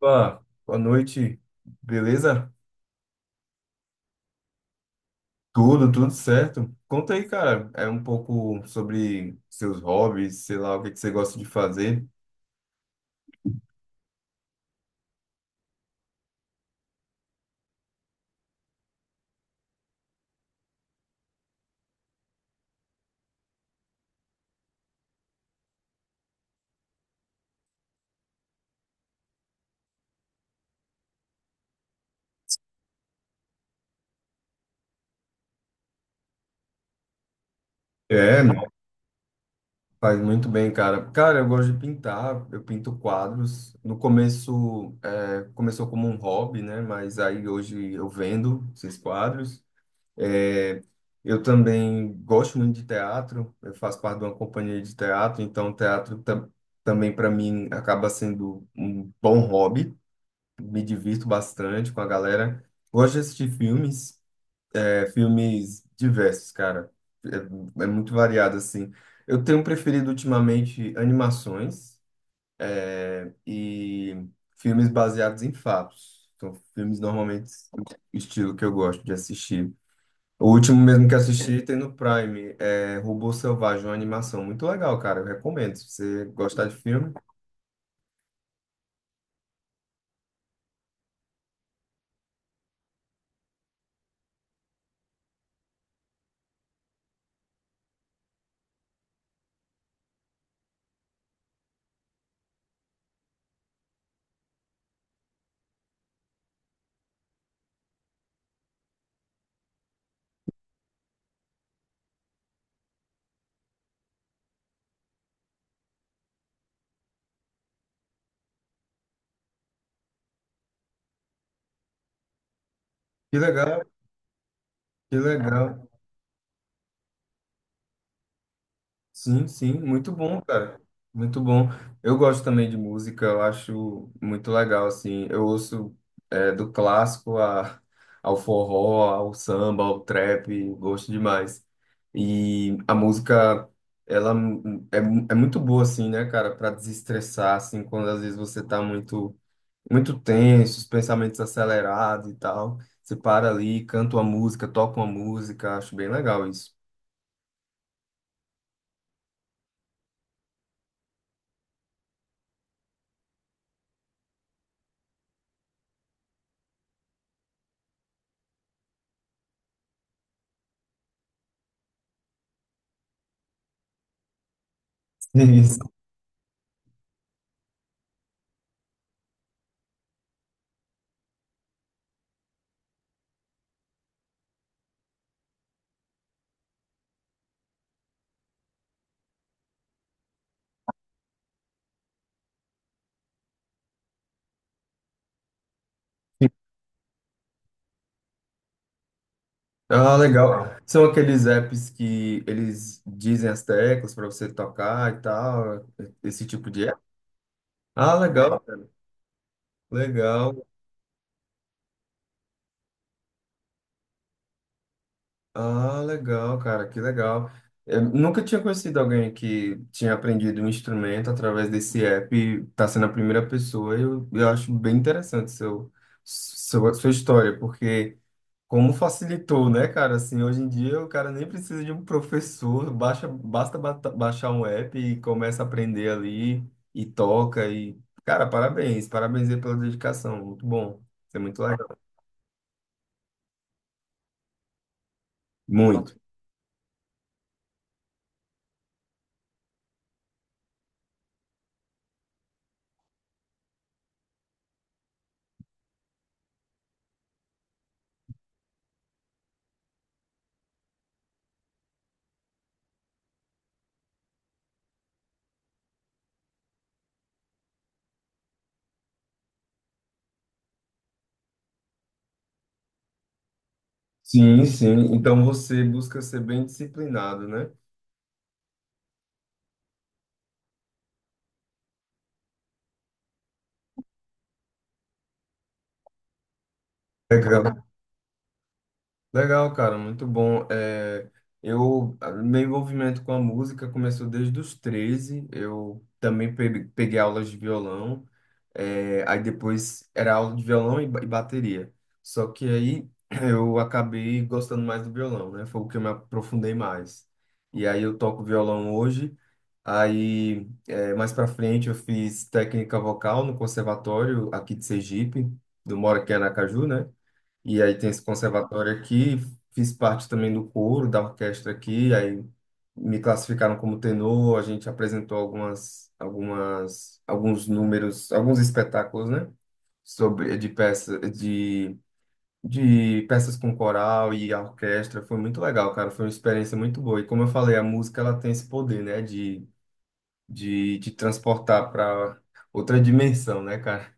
Opa, boa noite, beleza? Tudo certo. Conta aí, cara, é um pouco sobre seus hobbies, sei lá, o que que você gosta de fazer. É, faz muito bem, cara. Cara, eu gosto de pintar, eu pinto quadros. No começo, começou como um hobby, né? Mas aí hoje eu vendo esses quadros. É, eu também gosto muito de teatro, eu faço parte de uma companhia de teatro, então teatro também para mim acaba sendo um bom hobby. Me divirto bastante com a galera. Gosto de assistir filmes, filmes diversos, cara. É muito variado, assim. Eu tenho preferido ultimamente animações e filmes baseados em fatos. São filmes normalmente o estilo que eu gosto de assistir. O último mesmo que assisti tem no Prime, é Robô Selvagem, uma animação muito legal, cara. Eu recomendo. Se você gostar de filme, que legal, que legal. Sim, sim, muito bom, cara. Muito bom. Eu gosto também de música, eu acho muito legal, assim. Eu ouço do clássico ao forró, ao samba, ao trap, gosto demais. E a música, ela é muito boa, assim, né, cara, para desestressar, assim, quando às vezes você tá muito, muito tenso, os pensamentos acelerados e tal. Você para ali, canta uma música, toca uma música, acho bem legal isso. Isso. Ah, legal. São aqueles apps que eles dizem as teclas para você tocar e tal, esse tipo de app. Ah, legal, cara. Legal. Ah, legal, cara, que legal. Eu nunca tinha conhecido alguém que tinha aprendido um instrumento através desse app, tá sendo a primeira pessoa. Eu acho bem interessante seu, sua história, porque como facilitou, né, cara? Assim, hoje em dia o cara nem precisa de um professor, baixa, basta baixar um app e começa a aprender ali e toca e, cara, parabéns, parabéns aí pela dedicação, muito bom, isso é muito legal. Muito. Sim, sim. Então você busca ser bem disciplinado, né? Legal. Legal, cara, muito bom. É, meu envolvimento com a música começou desde os 13. Eu também peguei aulas de violão. É, aí depois era aula de violão e bateria. Só que aí eu acabei gostando mais do violão, né? Foi o que eu me aprofundei mais. E aí eu toco violão hoje. Aí mais pra frente eu fiz técnica vocal no conservatório aqui de Sergipe, do Moro aqui em Aracaju, né? E aí tem esse conservatório aqui, fiz parte também do coro da orquestra aqui, aí me classificaram como tenor, a gente apresentou alguns números, alguns espetáculos, né? Sobre, de peça, de peças com coral e a orquestra, foi muito legal, cara, foi uma experiência muito boa. E como eu falei, a música, ela tem esse poder, né? De te transportar para outra dimensão, né, cara?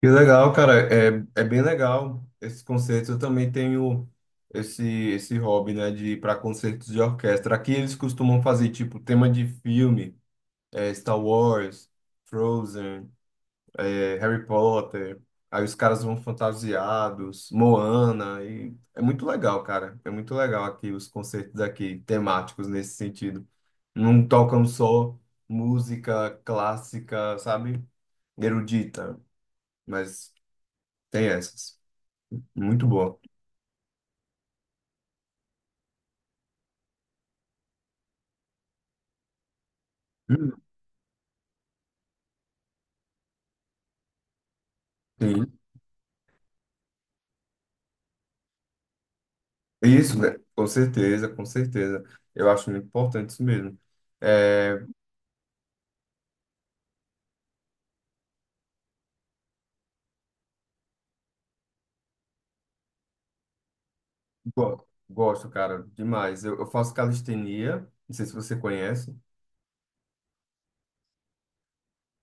Que legal, cara. É bem legal esses concertos. Eu também tenho esse hobby, né, de ir para concertos de orquestra. Aqui eles costumam fazer, tipo, tema de filme, Star Wars, Frozen, Harry Potter. Aí os caras vão fantasiados, Moana. E é muito legal, cara. É muito legal aqui os concertos aqui, temáticos nesse sentido. Não tocam só música clássica, sabe? Erudita, mas tem essas. Muito boa. Hum. Sim. Isso, né? Com certeza, com certeza. Eu acho muito importante isso mesmo. É, gosto, cara, demais. Eu faço calistenia, não sei se você conhece.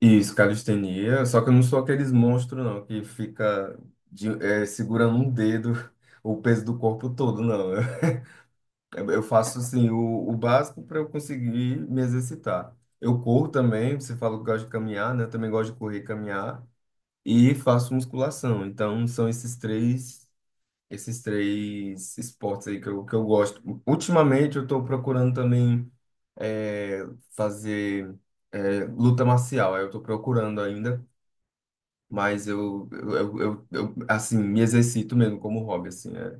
Isso, calistenia. Só que eu não sou aqueles monstros, não, que fica segurando um dedo o peso do corpo todo, não. Eu faço assim o básico para eu conseguir me exercitar. Eu corro também, você falou que gosta de caminhar, né? Eu também gosto de correr e caminhar. E faço musculação. Então, são esses três esportes aí que eu gosto. Ultimamente, eu estou procurando também é, fazer luta marcial. Aí eu estou procurando ainda, mas eu, assim, me exercito mesmo como hobby, assim, é,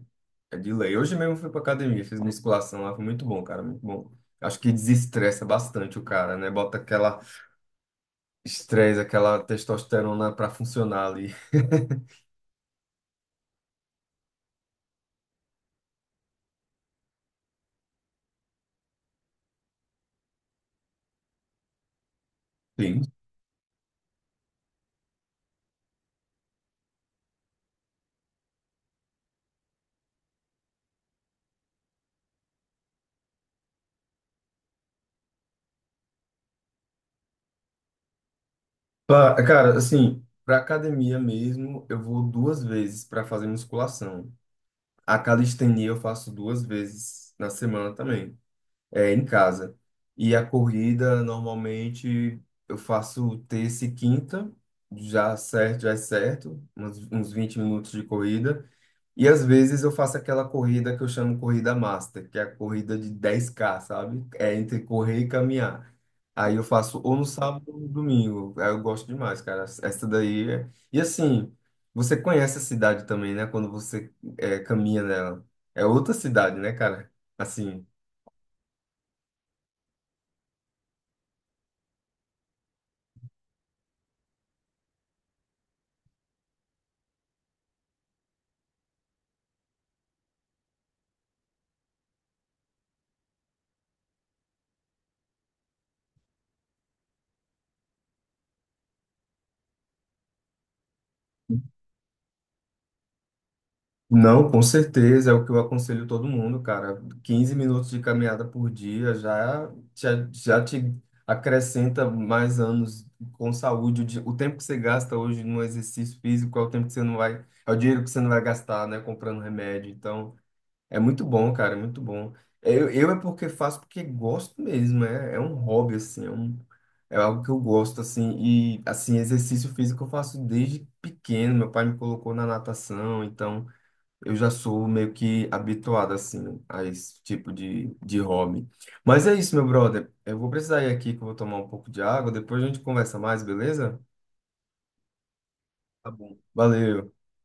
é de lei. Hoje mesmo eu fui para academia, fiz musculação lá, foi muito bom, cara, muito bom. Acho que desestressa bastante o cara, né? Bota aquela estresse, aquela testosterona para funcionar ali. Sim. Cara, assim, pra academia mesmo, eu vou duas vezes para fazer musculação. A calistenia eu faço duas vezes na semana também, é em casa. E a corrida, normalmente, eu faço terça e quinta, já certo, já é certo, uns 20 minutos de corrida. E às vezes eu faço aquela corrida que eu chamo corrida master, que é a corrida de 10K, sabe? É entre correr e caminhar. Aí eu faço ou no sábado ou no domingo. Aí eu gosto demais, cara. Essa daí é. E assim, você conhece a cidade também, né? Quando você caminha nela. É outra cidade, né, cara? Assim. Não, com certeza, é o que eu aconselho todo mundo, cara. Quinze minutos de caminhada por dia já, já, já te acrescenta mais anos com saúde. O tempo que você gasta hoje no exercício físico é o tempo que você não vai, é o dinheiro que você não vai gastar, né, comprando remédio. Então, é muito bom, cara, é muito bom. É. Eu é porque faço porque gosto mesmo, hobby, assim, é um, é algo que eu gosto, assim, e, assim, exercício físico eu faço desde pequeno. Meu pai me colocou na natação, então. Eu já sou meio que habituado, assim, a esse tipo de hobby. Mas é isso, meu brother. Eu vou precisar ir aqui que eu vou tomar um pouco de água. Depois a gente conversa mais, beleza? Tá bom. Valeu.